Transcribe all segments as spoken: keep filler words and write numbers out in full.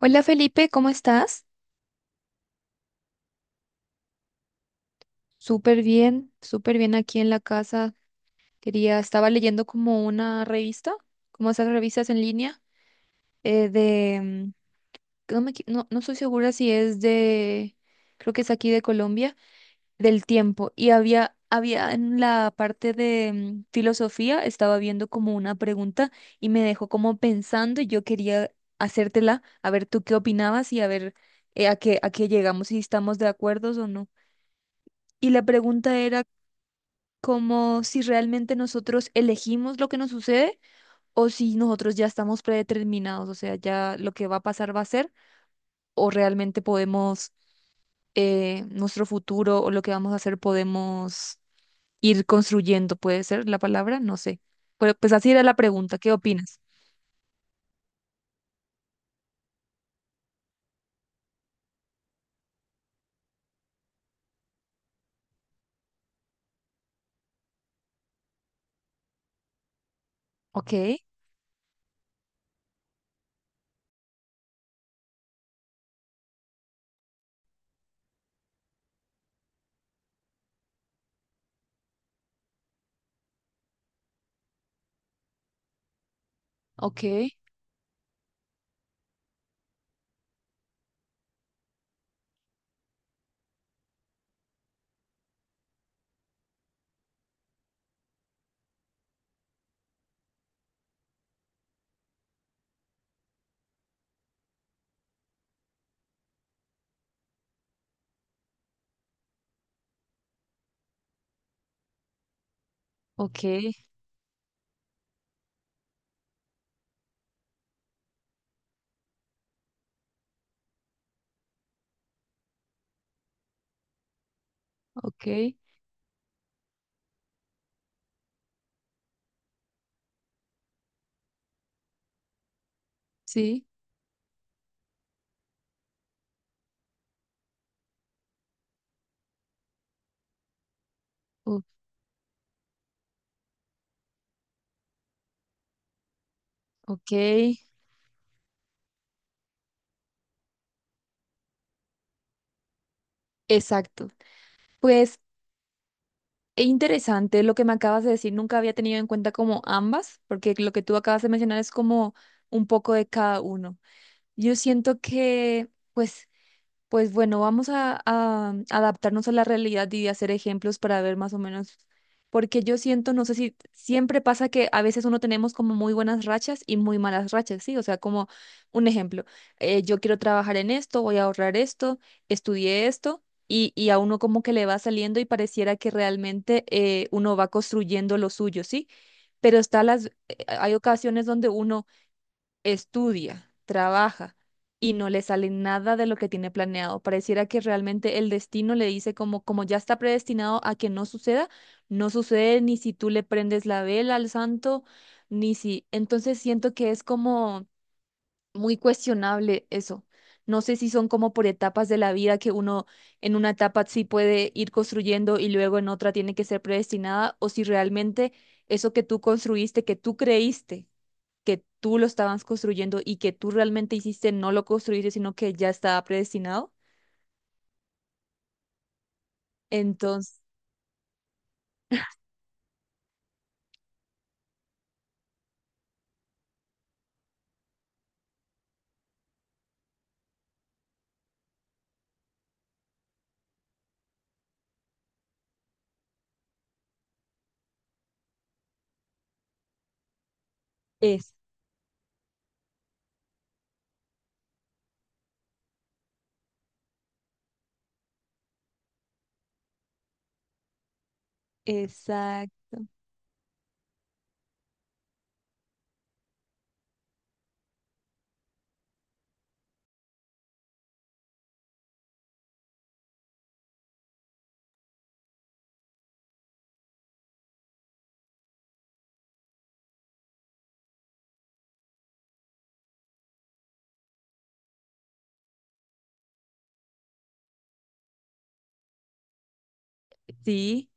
Hola Felipe, ¿cómo estás? Súper bien, súper bien aquí en la casa. Quería, estaba leyendo como una revista, como esas revistas en línea, eh, de, mm, que no me equi- no, no estoy segura si es de, creo que es aquí de Colombia, del tiempo. Y había, había en la parte de mm, filosofía, estaba viendo como una pregunta y me dejó como pensando y yo quería hacértela, a ver tú qué opinabas y a ver eh, a qué, a qué llegamos, si estamos de acuerdo o no. Y la pregunta era como si realmente nosotros elegimos lo que nos sucede o si nosotros ya estamos predeterminados, o sea, ya lo que va a pasar va a ser, o realmente podemos, eh, nuestro futuro o lo que vamos a hacer podemos ir construyendo, puede ser la palabra, no sé. Pero pues así era la pregunta, ¿qué opinas? Ok, ok, ok, ok, sí, o- ok, exacto. Pues e interesante lo que me acabas de decir, nunca había tenido en cuenta como ambas, porque lo que tú acabas de mencionar es como un poco de cada uno. Yo siento que, pues pues bueno, vamos a, a adaptarnos a la realidad y hacer ejemplos para ver más o menos, porque yo siento, no sé si siempre pasa que a veces uno tenemos como muy buenas rachas y muy malas rachas, ¿sí? O sea, como un ejemplo, eh, yo quiero trabajar en esto, voy a ahorrar esto, estudié esto. Y, y a uno como que le va saliendo y pareciera que realmente eh, uno va construyendo lo suyo, ¿sí? Pero está las, eh, hay ocasiones donde uno estudia, trabaja y no le sale nada de lo que tiene planeado. Pareciera que realmente el destino le dice como, como ya está predestinado a que no suceda, no sucede ni si tú le prendes la vela al santo, ni si. Entonces siento que es como muy cuestionable eso. No sé si son como por etapas de la vida que uno en una etapa sí puede ir construyendo y luego en otra tiene que ser predestinada o si realmente eso que tú construiste, que tú creíste que tú lo estabas construyendo y que tú realmente hiciste, no lo construiste, sino que ya estaba predestinado. Entonces, es, exacto. Sí,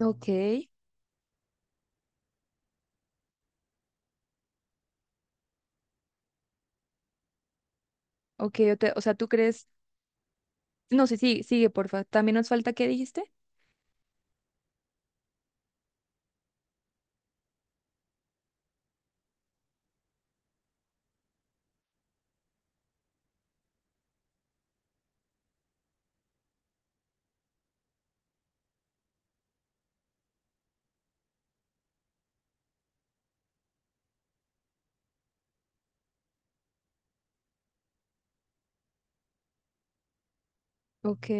ok, ok, o, te- o sea, tú crees, no, sí, sí, sigue, porfa. También nos falta, ¿qué dijiste? Ok,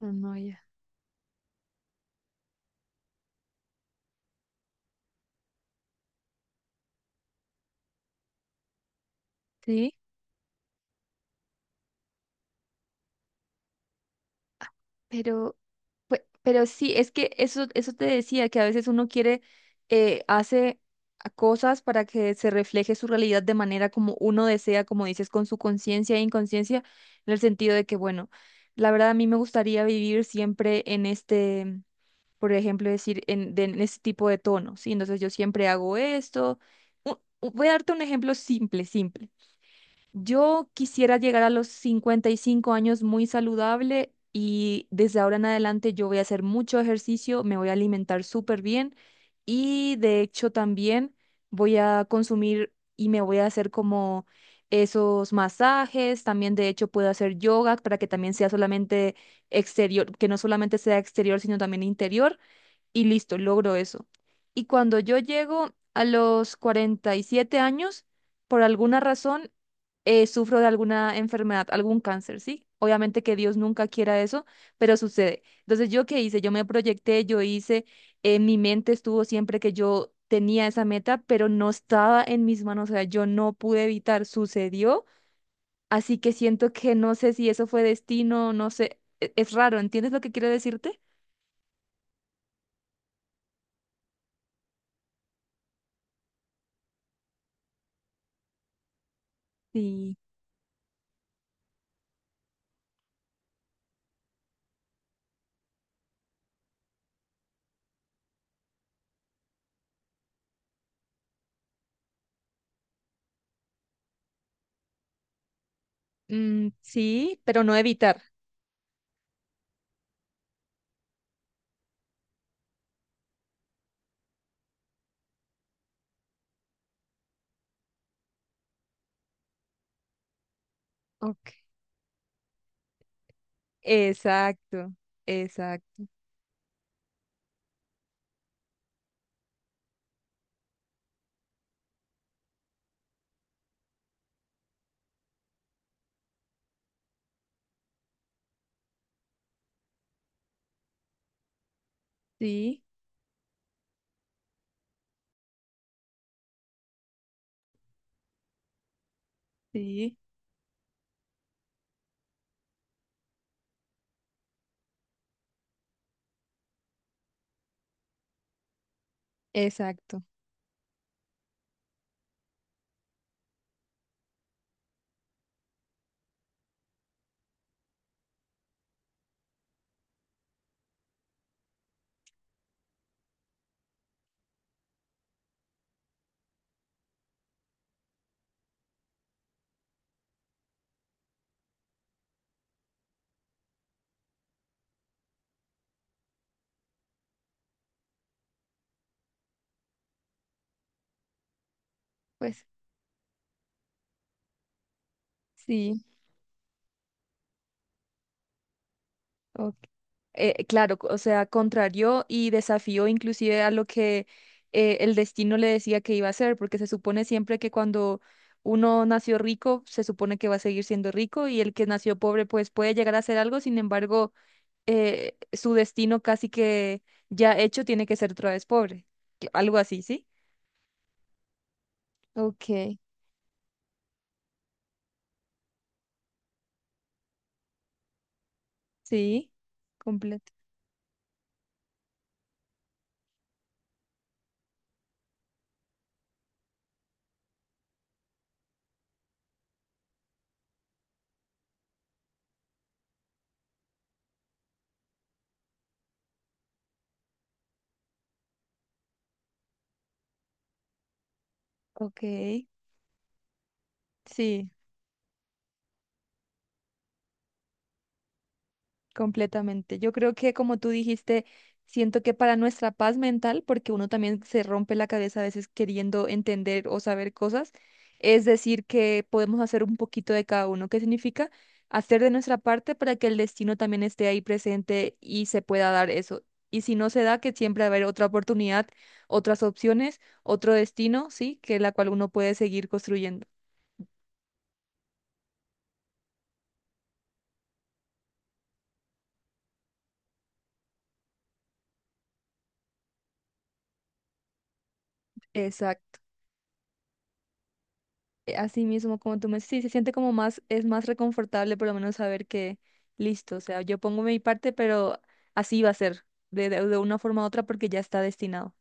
no, no, ya. Sí. Pero, pe- pero sí, es que eso, eso te decía, que a veces uno quiere, eh, hace a cosas para que se refleje su realidad de manera como uno desea, como dices, con su conciencia e inconsciencia, en el sentido de que, bueno, la verdad a mí me gustaría vivir siempre en este, por ejemplo, decir, en, de- en este tipo de tono, ¿sí? Entonces yo siempre hago esto. U- u- Voy a darte un ejemplo simple, simple. Yo quisiera llegar a los cincuenta y cinco años muy saludable y desde ahora en adelante yo voy a hacer mucho ejercicio, me voy a alimentar súper bien y de hecho también voy a consumir y me voy a hacer como esos masajes, también de hecho puedo hacer yoga para que también sea solamente exterior, que no solamente sea exterior, sino también interior y listo, logro eso. Y cuando yo llego a los cuarenta y siete años, por alguna razón, eh, sufro de alguna enfermedad, algún cáncer, ¿sí? Obviamente que Dios nunca quiera eso, pero sucede. Entonces, ¿yo qué hice? Yo me proyecté, yo hice, en mi mente estuvo siempre que yo tenía esa meta, pero no estaba en mis manos, o sea, yo no pude evitar, sucedió, así que siento que no sé si eso fue destino, no sé, e- es raro, ¿entiendes lo que quiero decirte? Sí. Mm, sí, pero no evitar. Ok. Exacto, exacto. Sí, sí, exacto. Pues sí, ok. Eh, claro, o sea, contrarió y desafió inclusive a lo que eh, el destino le decía que iba a hacer, porque se supone siempre que cuando uno nació rico, se supone que va a seguir siendo rico y el que nació pobre pues puede llegar a hacer algo, sin embargo, eh, su destino casi que ya hecho tiene que ser otra vez pobre. Algo así, ¿sí? Ok, sí, completo. Ok, sí, completamente. Yo creo que como tú dijiste, siento que para nuestra paz mental, porque uno también se rompe la cabeza a veces queriendo entender o saber cosas, es decir, que podemos hacer un poquito de cada uno. ¿Qué significa? Hacer de nuestra parte para que el destino también esté ahí presente y se pueda dar eso. Y si no se da, que siempre va a haber otra oportunidad, otras opciones, otro destino, sí, que la cual uno puede seguir construyendo. Exacto. Así mismo, como tú me sí, se siente como más, es más reconfortable por lo menos saber que listo, o sea, yo pongo mi parte, pero así va a ser, de, de de una forma u otra, porque ya está destinado.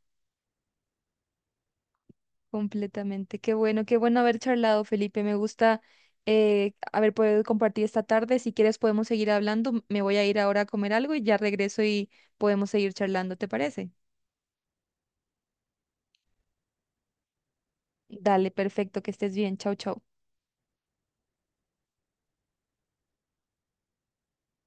Completamente. Qué bueno, qué bueno haber charlado, Felipe. Me gusta eh, haber podido compartir esta tarde. Si quieres, podemos seguir hablando. M- Me voy a ir ahora a comer algo y ya regreso y podemos seguir charlando, ¿te parece? Dale, perfecto, que estés bien. Chau, chau.